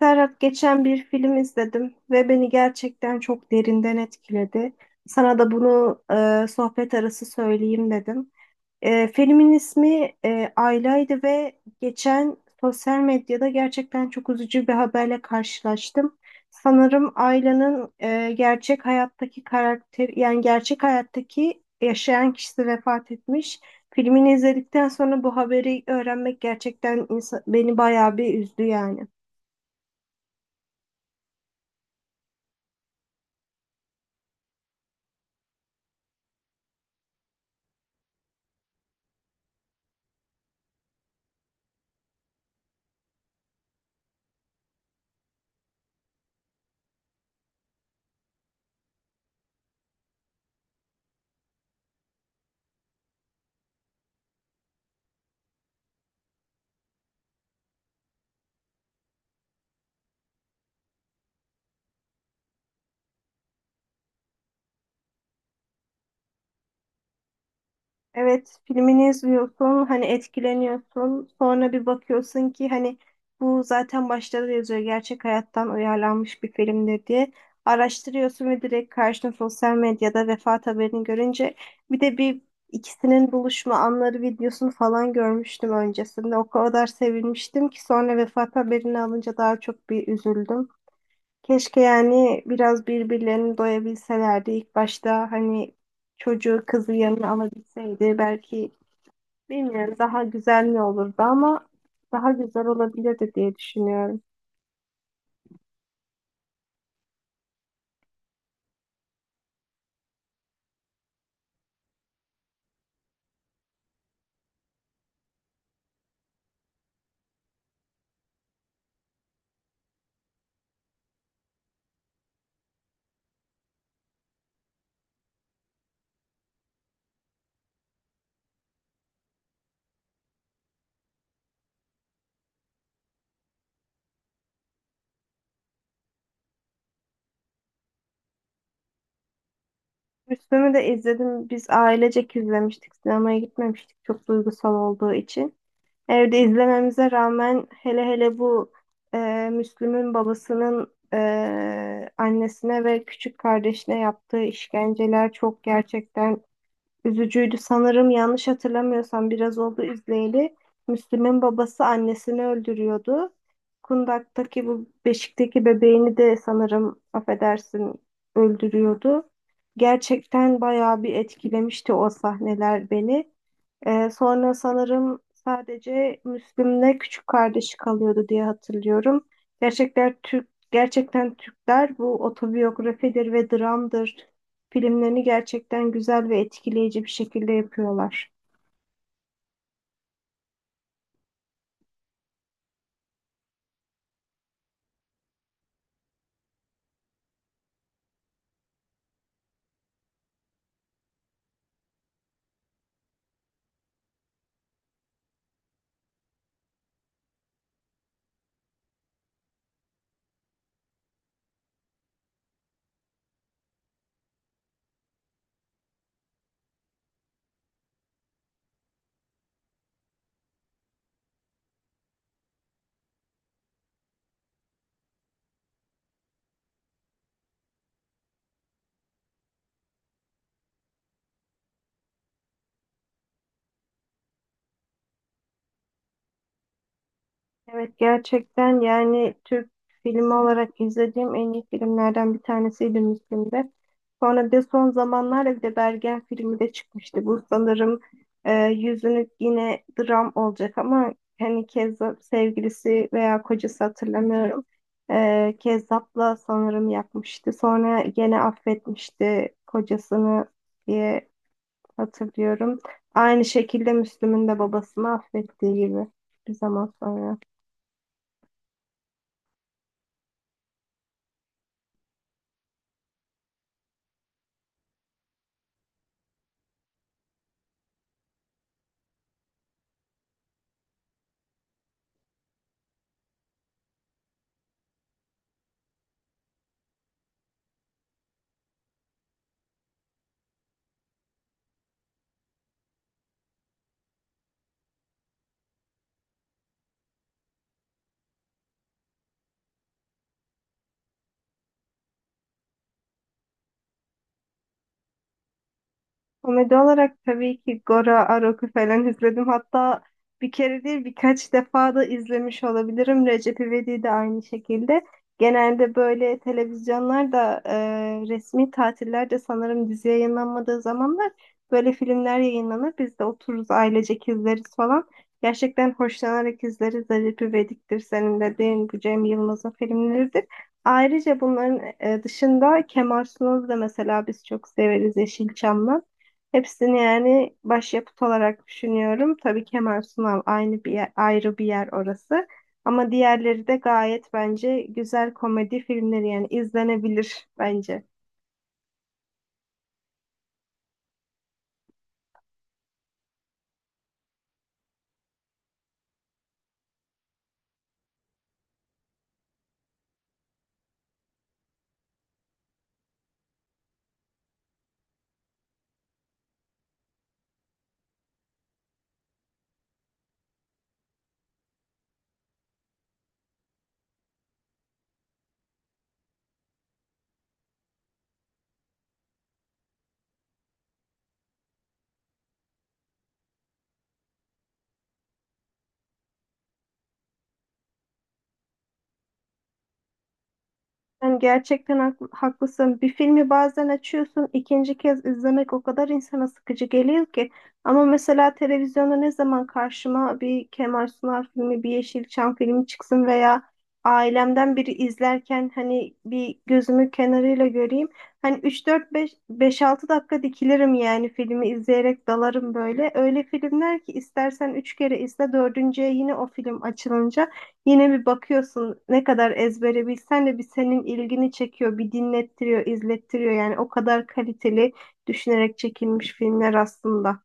Serhat geçen bir film izledim ve beni gerçekten çok derinden etkiledi. Sana da bunu sohbet arası söyleyeyim dedim. Filmin ismi Ayla'ydı ve geçen sosyal medyada gerçekten çok üzücü bir haberle karşılaştım. Sanırım Ayla'nın gerçek hayattaki karakter, yani gerçek hayattaki yaşayan kişisi vefat etmiş. Filmini izledikten sonra bu haberi öğrenmek gerçekten beni bayağı bir üzdü yani. Evet, filmini izliyorsun, hani etkileniyorsun. Sonra bir bakıyorsun ki hani bu zaten başta da yazıyor gerçek hayattan uyarlanmış bir filmdir diye. Araştırıyorsun ve direkt karşına sosyal medyada vefat haberini görünce bir de bir ikisinin buluşma anları videosunu falan görmüştüm öncesinde. O kadar sevinmiştim ki sonra vefat haberini alınca daha çok bir üzüldüm. Keşke yani biraz birbirlerini doyabilselerdi. İlk başta hani çocuğu kızı yanına alabilseydi belki bilmiyorum daha güzel mi olurdu ama daha güzel olabilirdi diye düşünüyorum. Müslüm'ü de izledim. Biz ailecek izlemiştik. Sinemaya gitmemiştik çok duygusal olduğu için. Evde izlememize rağmen hele hele bu e, Müslüm'ün babasının annesine ve küçük kardeşine yaptığı işkenceler çok gerçekten üzücüydü. Sanırım yanlış hatırlamıyorsam biraz oldu izleyeli. Müslüm'ün babası annesini öldürüyordu. Kundak'taki bu beşikteki bebeğini de sanırım affedersin öldürüyordu. Gerçekten bayağı bir etkilemişti o sahneler beni. Sonra sanırım sadece Müslüm'le küçük kardeşi kalıyordu diye hatırlıyorum. Gerçekten Türkler bu otobiyografidir ve dramdır. Filmlerini gerçekten güzel ve etkileyici bir şekilde yapıyorlar. Evet gerçekten yani Türk filmi olarak izlediğim en iyi filmlerden bir tanesiydi Müslüm'de. Sonra bir de son zamanlarda bir de Bergen filmi de çıkmıştı. Bu sanırım yüzünü yine dram olacak ama hani Kezzap sevgilisi veya kocası hatırlamıyorum. Kezzap'la sanırım yapmıştı. Sonra gene affetmişti kocasını diye hatırlıyorum. Aynı şekilde Müslüm'ün de babasını affettiği gibi bir zaman sonra. Komedi olarak tabii ki Gora, Arok'u falan izledim. Hatta bir kere değil birkaç defa da izlemiş olabilirim. Recep İvedik'i de aynı şekilde. Genelde böyle televizyonlarda resmi tatillerde sanırım dizi yayınlanmadığı zamanlar böyle filmler yayınlanır. Biz de otururuz ailecek izleriz falan. Gerçekten hoşlanarak izleriz. Recep İvedik'tir senin dediğin bu Cem Yılmaz'ın filmleridir. Ayrıca bunların dışında Kemal Sunal'ı da mesela biz çok severiz Yeşilçam'la. Hepsini yani başyapıt olarak düşünüyorum. Tabii Kemal Sunal aynı ayrı bir yer orası. Ama diğerleri de gayet bence güzel komedi filmleri yani izlenebilir bence. Yani gerçekten haklısın. Bir filmi bazen açıyorsun, ikinci kez izlemek o kadar insana sıkıcı geliyor ki. Ama mesela televizyonda ne zaman karşıma bir Kemal Sunal filmi, bir Yeşilçam filmi çıksın veya ailemden biri izlerken hani bir gözümü kenarıyla göreyim. Hani üç dört beş beş altı dakika dikilirim yani filmi izleyerek dalarım böyle. Öyle filmler ki istersen 3 kere izle, dördüncüye yine o film açılınca yine bir bakıyorsun ne kadar ezbere bilsen de bir senin ilgini çekiyor, bir dinlettiriyor, izlettiriyor. Yani o kadar kaliteli düşünerek çekilmiş filmler aslında.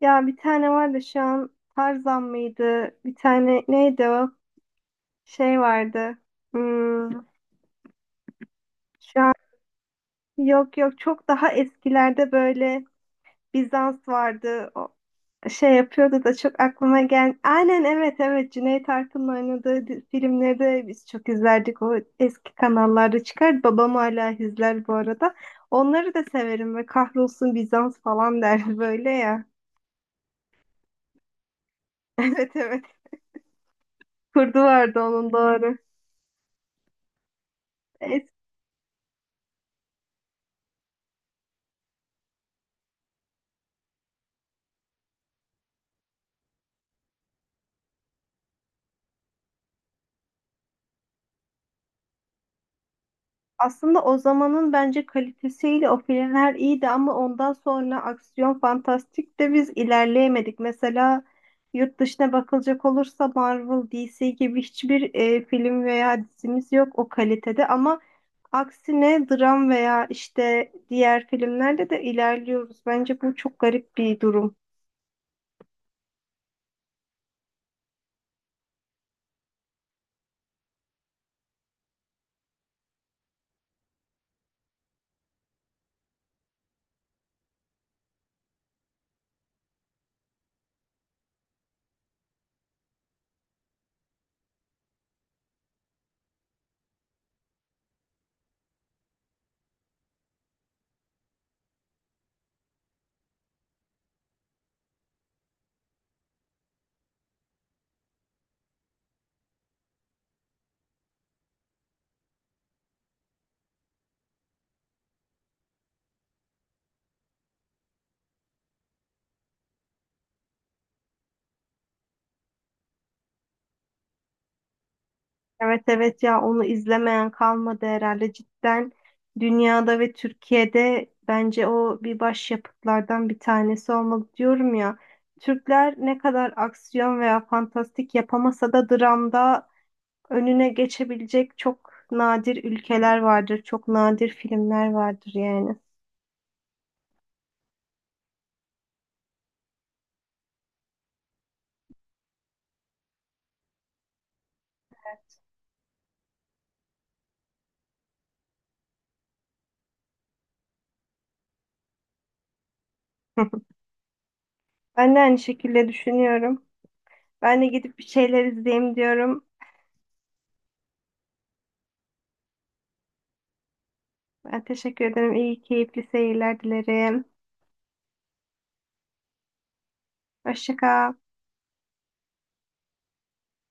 Ya bir tane vardı şu an Tarzan mıydı? Bir tane neydi o? Şey vardı. Hmm, Şu an yok yok, çok daha eskilerde böyle Bizans vardı. Şey yapıyordu da çok aklıma gel. Aynen evet evet Cüneyt Arkın'ın oynadığı filmleri de biz çok izlerdik. O eski kanallarda çıkar. Babam hala izler bu arada. Onları da severim ve kahrolsun Bizans falan der böyle ya. Evet evet. Kurdu vardı onun, doğru. E, Aslında o zamanın bence kalitesiyle o filmler iyiydi ama ondan sonra aksiyon fantastik de biz ilerleyemedik. Mesela yurt dışına bakılacak olursa Marvel, DC gibi hiçbir film veya dizimiz yok o kalitede ama aksine dram veya işte diğer filmlerde de ilerliyoruz. Bence bu çok garip bir durum. Evet evet ya onu izlemeyen kalmadı herhalde cidden dünyada ve Türkiye'de bence o bir başyapıtlardan bir tanesi olmalı diyorum ya. Türkler ne kadar aksiyon veya fantastik yapamasa da dramda önüne geçebilecek çok nadir ülkeler vardır, çok nadir filmler vardır yani. Ben de aynı şekilde düşünüyorum. Ben de gidip bir şeyler izleyeyim diyorum. Ben teşekkür ederim. İyi, keyifli seyirler dilerim. Hoşça kal.